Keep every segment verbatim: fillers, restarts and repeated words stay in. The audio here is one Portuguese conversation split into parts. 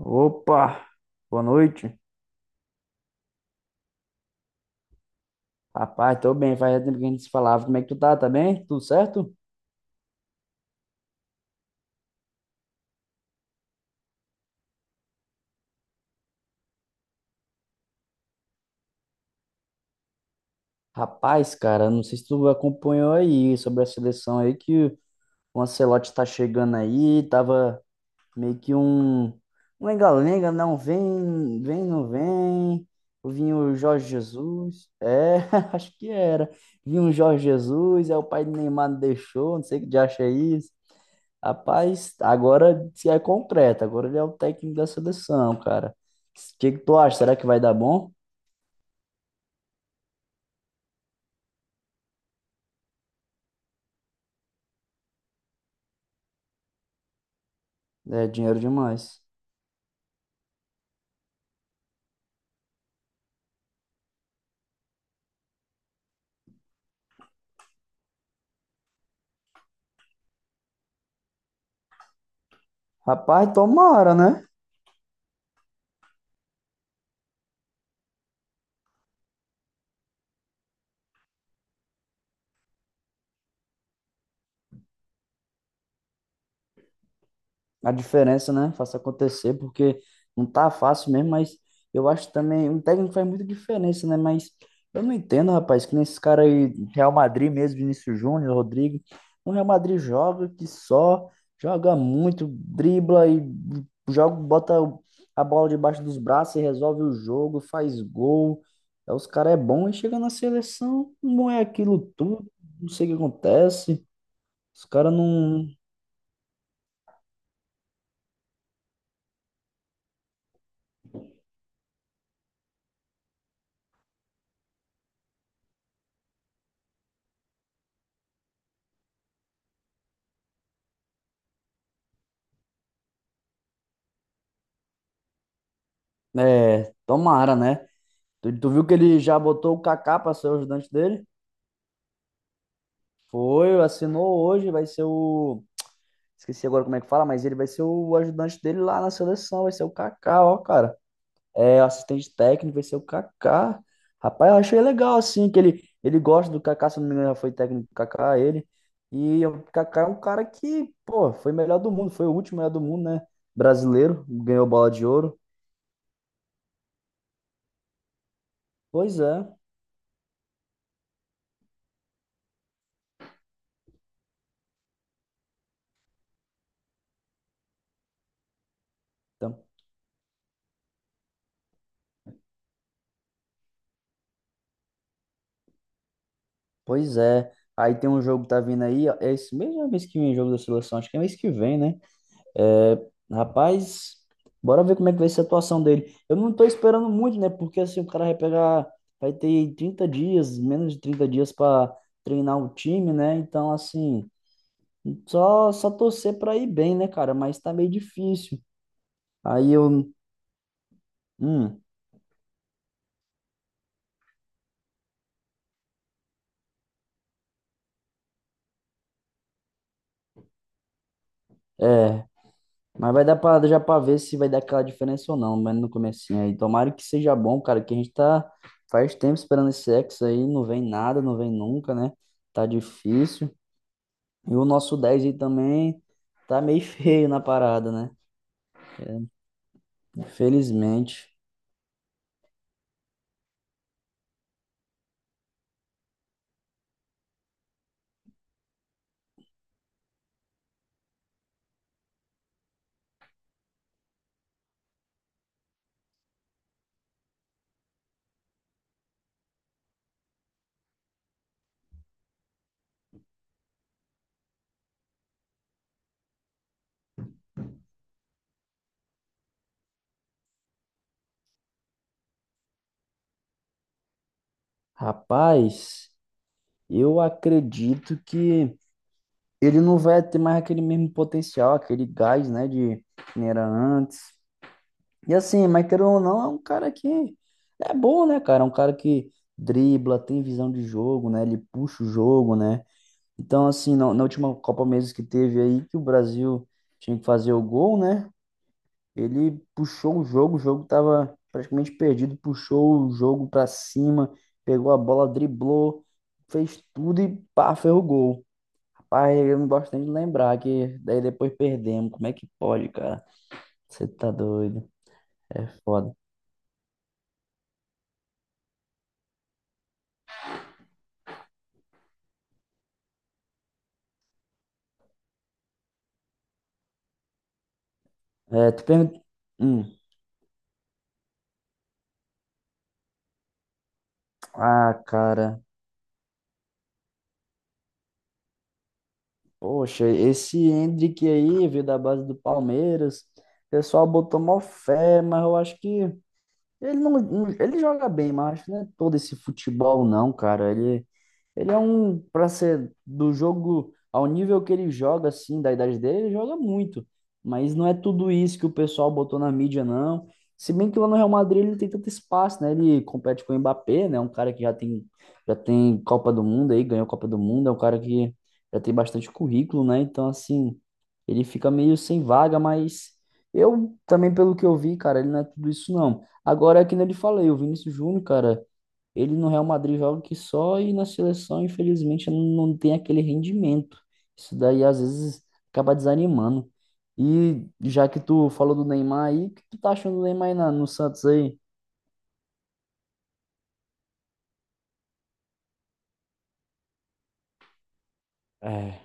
Opa, boa noite. Rapaz, tô bem, faz tempo que a gente se falava. Como é que tu tá? Tá bem? Tudo certo? Rapaz, cara, não sei se tu acompanhou aí sobre a seleção aí que o Ancelotti tá chegando aí, tava meio que um um lenga-lenga, não vem, vem, não vem. Vinha o Jorge Jesus, é, acho que era. Vinha o Jorge Jesus, é o pai do Neymar não deixou, não sei o que de acha isso. Rapaz, agora se é concreto, agora ele é o técnico da seleção, cara. O que que tu acha? Será que vai dar bom? É dinheiro demais. Rapaz, tomara, né? A diferença, né? Faça acontecer, porque não tá fácil mesmo, mas eu acho também, um técnico faz muita diferença, né? Mas eu não entendo, rapaz, que nem esses caras aí, Real Madrid mesmo, Vinícius Júnior, Rodrigo, o Real Madrid joga que só, joga muito, dribla e joga, bota a bola debaixo dos braços e resolve o jogo, faz gol. Aí os caras é bom e chega na seleção, não é aquilo tudo, não sei o que acontece. Os caras não, é, tomara, né? Tu, tu viu que ele já botou o Kaká para ser o ajudante dele? Foi, assinou hoje, vai ser o. Esqueci agora como é que fala, mas ele vai ser o ajudante dele lá na seleção, vai ser o Kaká, ó, cara. É assistente técnico, vai ser o Kaká. Rapaz, eu achei legal, assim, que ele, ele gosta do Kaká, se eu não me engano, já foi técnico do Kaká, ele. E o Kaká é um cara que, pô, foi melhor do mundo, foi o último melhor do mundo, né? Brasileiro, ganhou bola de ouro. Pois é. Então, pois é. Aí tem um jogo que tá vindo aí, ó, é esse mesmo é mês que vem o jogo da seleção, acho que é mês que vem, né? É, rapaz, bora ver como é que vai ser a atuação dele. Eu não tô esperando muito, né? Porque assim, o cara vai pegar, vai ter trinta dias, menos de trinta dias pra treinar o time, né? Então, assim, só só torcer pra ir bem, né, cara? Mas tá meio difícil. Aí eu, hum, mas vai dar pra, já pra ver se vai dar aquela diferença ou não, mas no comecinho aí. Tomara que seja bom, cara, que a gente tá faz tempo esperando esse sexo aí, não vem nada, não vem nunca, né? Tá difícil. E o nosso dez aí também tá meio feio na parada, né? Infelizmente. Rapaz, eu acredito que ele não vai ter mais aquele mesmo potencial, aquele gás, né, de que nem era antes. E assim, mas querendo ou não, é um cara que é bom, né, cara? É um cara que dribla, tem visão de jogo, né? Ele puxa o jogo, né? Então, assim, na, na última Copa Mesas que teve aí, que o Brasil tinha que fazer o gol, né? Ele puxou o jogo, o jogo tava praticamente perdido, puxou o jogo pra cima, pegou a bola, driblou, fez tudo e pá, fez o gol. Rapaz, eu não gosto nem de lembrar que daí depois perdemos. Como é que pode, cara? Você tá doido. É foda. É, tu pergunta... Hum. Ah, cara. Poxa, esse Hendrick aí veio da base do Palmeiras. O pessoal botou mó fé, mas eu acho que ele não, não- ele joga bem, mas acho que não é todo esse futebol não, cara. Ele Ele é um, para ser do jogo, ao nível que ele joga, assim, da idade dele, ele joga muito. Mas não é tudo isso que o pessoal botou na mídia, não. Se bem que lá no Real Madrid ele não tem tanto espaço, né? Ele compete com o Mbappé, né? Um cara que já tem, já tem Copa do Mundo aí, ganhou Copa do Mundo, é um cara que já tem bastante currículo, né? Então, assim, ele fica meio sem vaga, mas eu também, pelo que eu vi, cara, ele não é tudo isso, não. Agora, é que nem eu lhe falei, o Vinícius Júnior, cara. Ele no Real Madrid joga que só e na seleção, infelizmente, não tem aquele rendimento. Isso daí às vezes acaba desanimando. E já que tu falou do Neymar aí, o que tu tá achando do Neymar aí na- no Santos aí? É,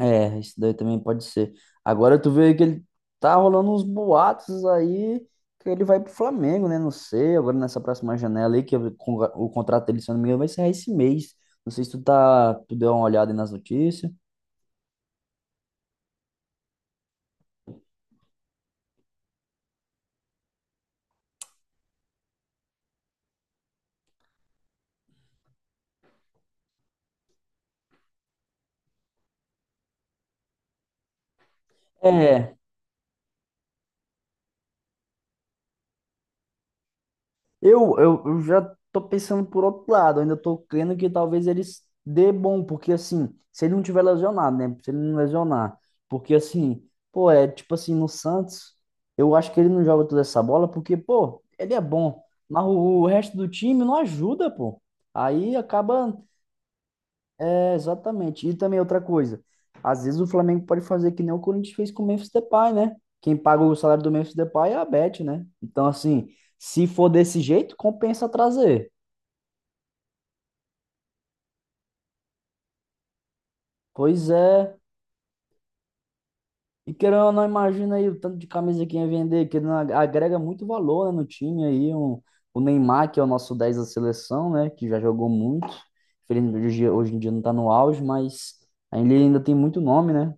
é, isso daí também pode ser. Agora tu vê que ele tá rolando uns boatos aí que ele vai pro Flamengo, né? Não sei, agora nessa próxima janela aí, que eu- com- o contrato dele, se eu não me engano, vai ser esse mês. Não sei se tu tá, tu deu uma olhada aí nas notícias. É, Eu, eu, eu já tô pensando por outro lado, ainda tô crendo que talvez eles dê bom, porque assim, se ele não tiver lesionado, né? Se ele não lesionar, porque assim, pô, é tipo assim, no Santos, eu acho que ele não joga toda essa bola, porque, pô, ele é bom, mas o, o resto do time não ajuda, pô. Aí acaba é, exatamente. E também outra coisa, às vezes o Flamengo pode fazer que nem o Corinthians fez com o Memphis Depay, né? Quem paga o salário do Memphis Depay é a Bet, né? Então, assim, se for desse jeito, compensa trazer. Pois é. E querendo ou não, imagina aí o tanto de camisa que ia vender, que não agrega muito valor, né, no time aí. Um, o Neymar, que é o nosso dez da seleção, né? Que já jogou muito. Infelizmente, hoje, hoje em dia não tá no auge, mas ele ainda tem muito nome, né?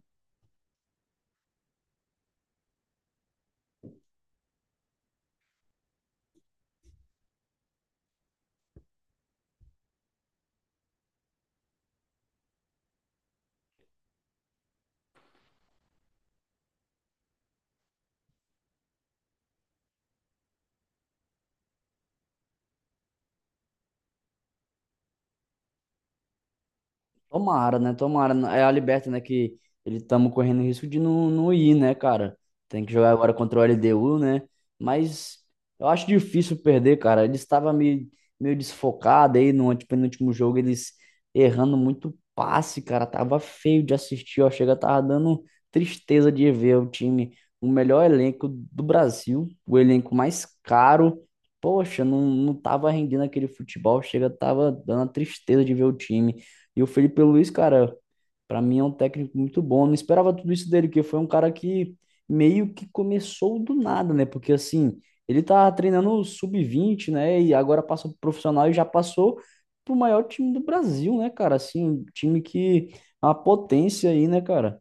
Tomara, né? Tomara. É a Liberta, né? Que ele estamos correndo risco de não, não ir, né, cara? Tem que jogar agora contra o L D U, né? Mas eu acho difícil perder, cara. Ele estava meio, meio desfocado aí no antepenúltimo jogo, eles errando muito passe, cara. Tava feio de assistir, ó. Chega, tava dando tristeza de ver o time, o melhor elenco do Brasil, o elenco mais caro. Poxa, não, não tava rendendo aquele futebol, chega, tava dando a tristeza de ver o time. E o Felipe Luiz, cara, para mim é um técnico muito bom. Eu não esperava tudo isso dele, porque foi um cara que meio que começou do nada, né? Porque assim, ele tá treinando o sub vinte né? E agora passa pro profissional e já passou pro maior time do Brasil, né, cara? Assim, um time que é uma potência aí, né, cara?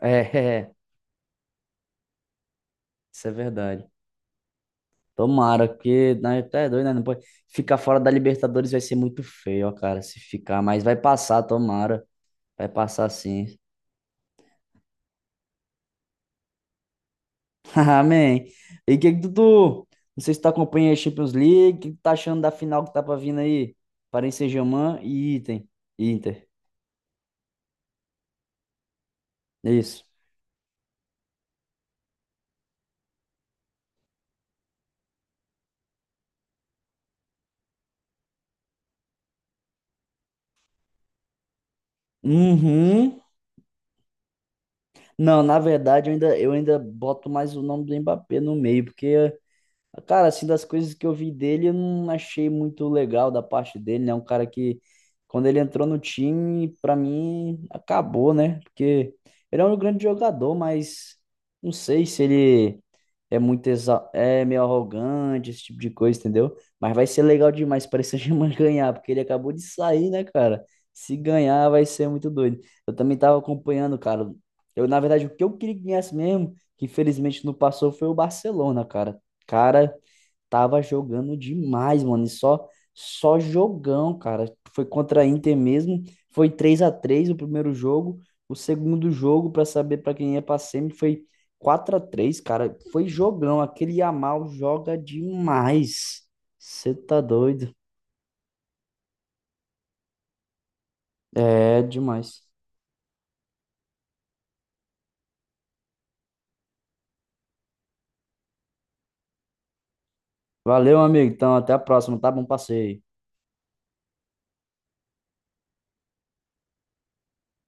É, é, isso é verdade. Tomara, porque né, até é doido, né? Não pode... Ficar fora da Libertadores vai ser muito feio, ó, cara, se ficar, mas vai passar, tomara. Vai passar sim. Amém. E o que que tu, tu- não sei se tu acompanha a Champions League, o que que tu tá achando da final que tá pra vir aí? Paris Saint-Germain e Inter. Inter. É isso. Uhum. Não, na verdade, eu ainda, eu ainda boto mais o nome do Mbappé no meio, porque cara, assim, das coisas que eu vi dele, eu não achei muito legal da parte dele, né? Um cara que, quando ele entrou no time, pra mim, acabou, né? Porque ele é um grande jogador, mas não sei se ele é muito exa... é meio arrogante, esse tipo de coisa, entendeu? Mas vai ser legal demais para esse Germain ganhar, porque ele acabou de sair, né, cara? Se ganhar, vai ser muito doido. Eu também tava acompanhando, cara. Eu, na verdade, o que eu queria que ganhasse mesmo, que infelizmente não passou, foi o Barcelona, cara. Cara, tava jogando demais, mano. E só, só jogão, cara. Foi contra a Inter mesmo. Foi três a três o primeiro jogo. O segundo jogo, pra saber pra quem ia pra semi, foi quatro a três, cara. Foi jogão. Aquele Yamal joga demais. Você tá doido? É, demais. Valeu, amigo. Então, até a próxima, tá? Bom passeio.